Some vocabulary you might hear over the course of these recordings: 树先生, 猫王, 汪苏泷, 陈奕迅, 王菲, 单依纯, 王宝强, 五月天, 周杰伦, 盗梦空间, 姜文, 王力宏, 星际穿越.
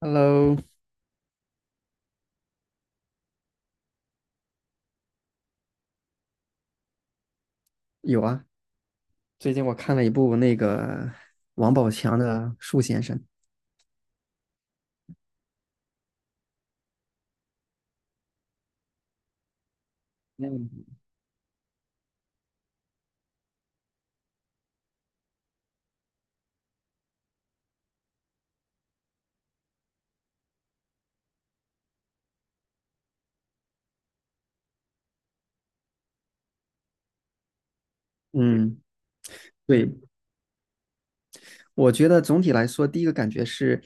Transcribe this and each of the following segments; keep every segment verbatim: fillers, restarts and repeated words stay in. Hello，有啊，最近我看了一部那个王宝强的《树先生》。嗯，嗯，对，我觉得总体来说，第一个感觉是，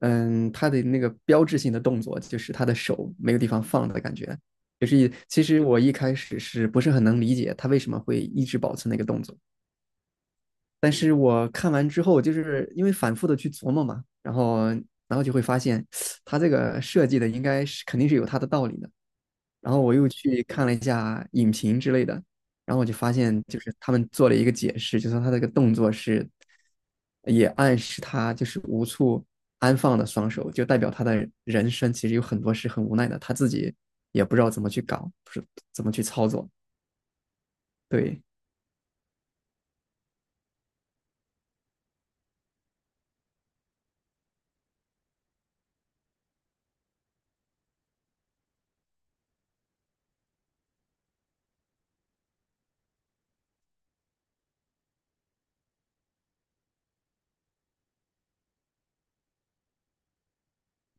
嗯，他的那个标志性的动作就是他的手没有地方放的感觉。就是其实我一开始是不是很能理解他为什么会一直保持那个动作，但是我看完之后，就是因为反复的去琢磨嘛，然后然后就会发现，他这个设计的应该是肯定是有他的道理的。然后我又去看了一下影评之类的，然后我就发现，就是他们做了一个解释，就说他这个动作是，也暗示他就是无处安放的双手，就代表他的人生其实有很多是很无奈的，他自己也不知道怎么去搞，不是怎么去操作。对，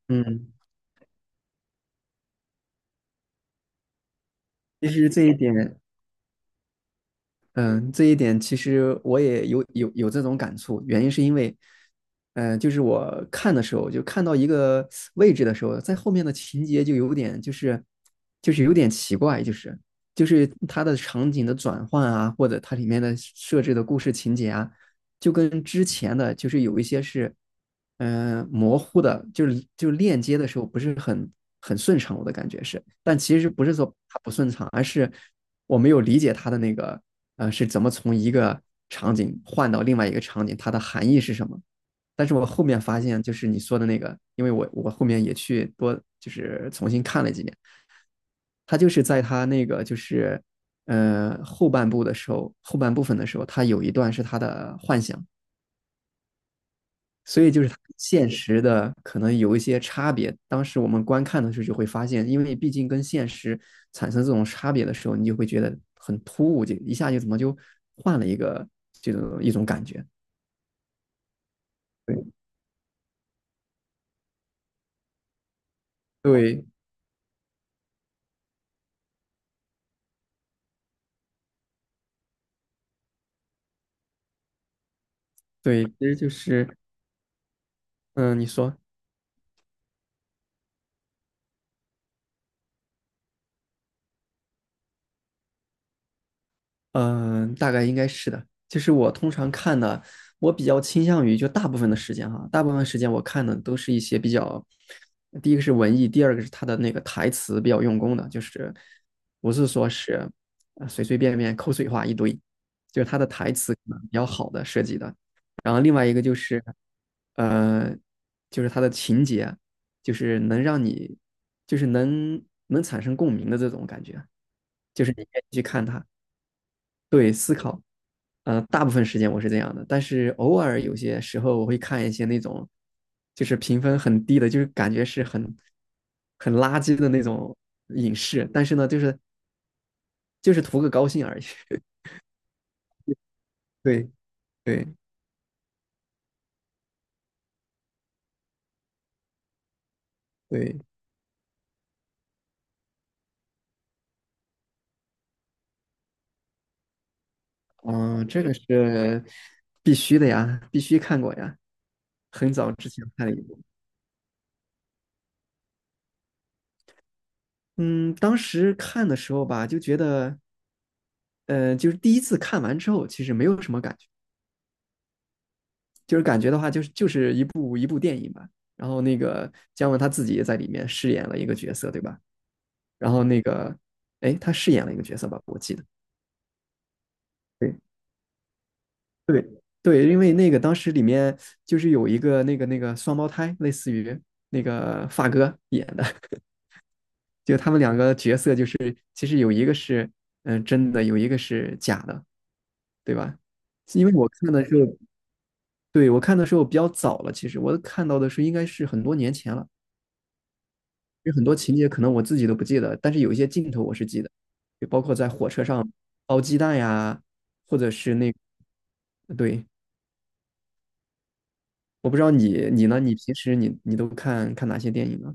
嗯，其实这一点，嗯，这一点其实我也有有有这种感触，原因是因为，嗯、就是我看的时候，就看到一个位置的时候，在后面的情节就有点就是就是有点奇怪，就是就是它的场景的转换啊，或者它里面的设置的故事情节啊，就跟之前的就是有一些是，嗯、呃模糊的，就是就链接的时候不是很很顺畅，我的感觉是，但其实不是说它不顺畅，而是我没有理解它的那个呃是怎么从一个场景换到另外一个场景，它的含义是什么。但是我后面发现，就是你说的那个，因为我我后面也去多就是重新看了几遍，他就是在他那个就是呃后半部的时候，后半部分的时候，他有一段是他的幻想，所以就是它跟现实的可能有一些差别。当时我们观看的时候就会发现，因为毕竟跟现实产生这种差别的时候，你就会觉得很突兀，就一下就怎么就换了一个这种一种感觉。对对对，其实就是嗯，你说嗯，大概应该是的。就是我通常看的，我比较倾向于就大部分的时间哈，大部分时间我看的都是一些比较，第一个是文艺，第二个是他的那个台词比较用功的，就是不是说是呃随随便便口水话一堆，就是他的台词可能比较好的设计的。然后另外一个就是，呃，就是他的情节，就是能让你，就是能能产生共鸣的这种感觉，就是你愿意去看他。呃，大部分时间我是这样的，但是偶尔有些时候我会看一些那种，就是评分很低的，就是感觉是很很垃圾的那种影视，但是呢，就是就是图个高兴而已。对对对，嗯，这个是必须的呀，必须看过呀。很早之前看了一部，嗯，当时看的时候吧，就觉得，呃，就是第一次看完之后，其实没有什么感觉，就是感觉的话，就是就是一部。然后那个姜文他自己也在里面饰演了一个角色，对吧？然后那个，哎，他饰演了一个角色吧，我记得。对对对，因为那个当时里面就是有一个那个那个双胞胎，类似于那个发哥演的，就他们两个角色就是其实有一个是嗯、呃真的，有一个是假的，对吧？因为我看的时候，对，我看的时候比较早了，其实我看到的是应该是很多年前了。有很多情节可能我自己都不记得，但是有一些镜头我是记得，就包括在火车上包鸡蛋呀，或者是那对，我不知道你你呢？你平时你你都看看哪些电影呢？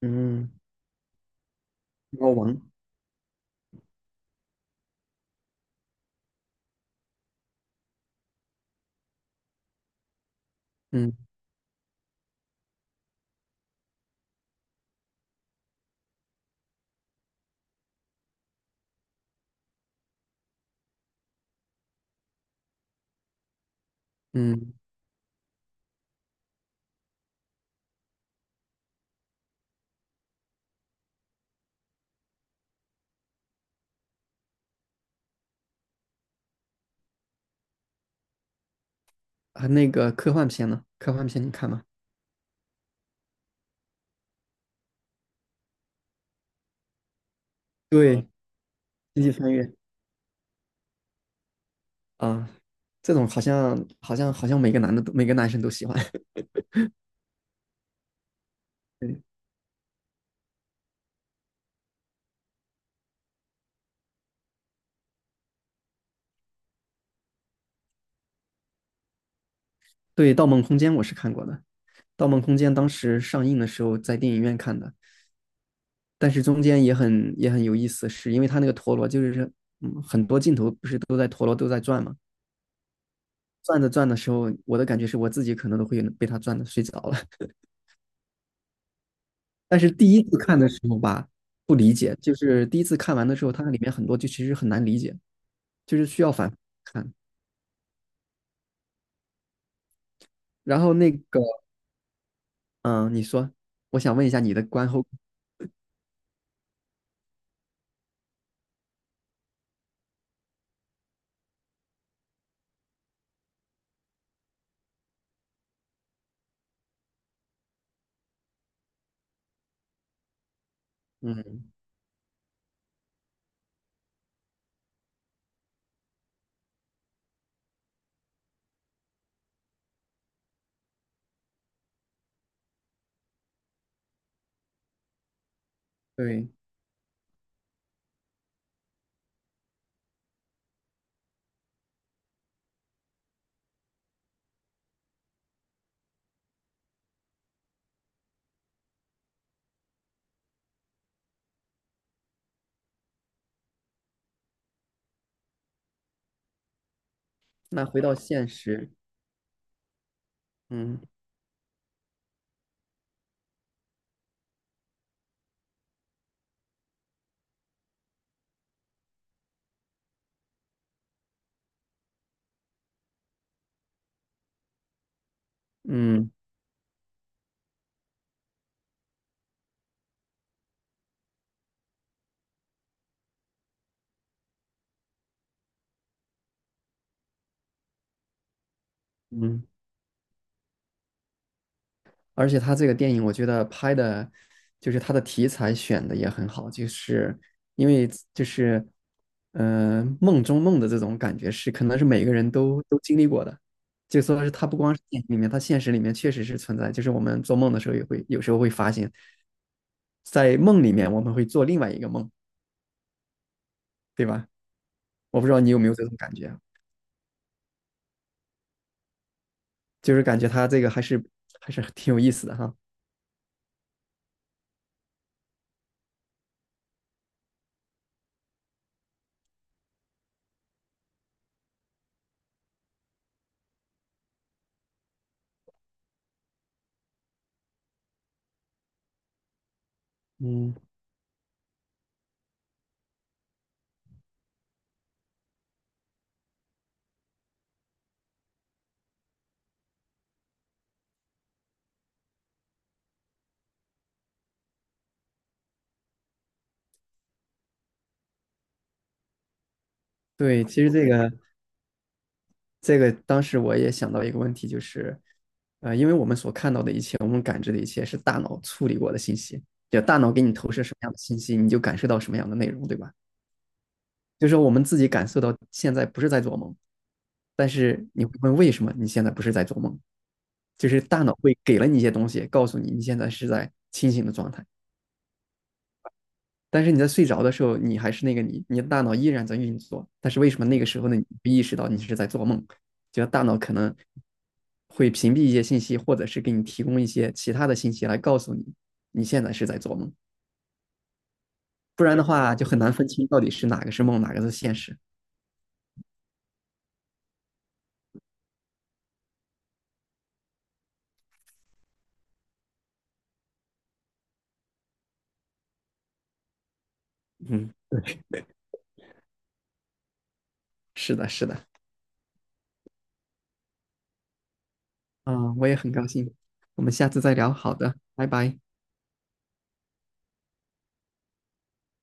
嗯，猫王，嗯嗯，啊，那个科幻片呢？科幻片你看吗？对，星际穿越啊，这种好像好像好像每个男的都每个男生都喜欢。对对，《盗梦空间》我是看过的，《盗梦空间》当时上映的时候在电影院看的。但是中间也很也很有意思，是因为他那个陀螺就是嗯很多镜头不是都在陀螺都在转嘛，转着转的时候，我的感觉是我自己可能都会被他转的睡着了。但是第一次看的时候吧，不理解，就是第一次看完的时候，它里面很多就其实很难理解，就是需要反复看。然后那个嗯，你说，我想问一下你的观后，嗯，对，那回到现实，嗯嗯嗯。而且他这个电影，我觉得拍的，就是他的题材选的也很好，就是因为就是，嗯，梦中梦的这种感觉是，可能是每个人都都经历过的，就说是他不光是电影里面，他现实里面确实是存在，就是我们做梦的时候也会有时候会发现，在梦里面我们会做另外一个梦，对吧？我不知道你有没有这种感觉啊就是感觉他这个还是还是挺有意思的哈。嗯，对，其实这个这个当时我也想到一个问题，就是，呃，因为我们所看到的一切，我们感知的一切是大脑处理过的信息，就大脑给你投射什么样的信息，你就感受到什么样的内容，对吧？就是说我们自己感受到现在不是在做梦，但是你会问为什么你现在不是在做梦，就是大脑会给了你一些东西，告诉你你现在是在清醒的状态。但是你在睡着的时候，你还是那个你，你的大脑依然在运作。但是为什么那个时候呢？你不意识到你是在做梦，就大脑可能会屏蔽一些信息，或者是给你提供一些其他的信息来告诉你你现在是在做梦。不然的话，就很难分清到底是哪个是梦，哪个是现实。嗯，是的，是的。嗯，我也很高兴。我们下次再聊。好的，拜拜。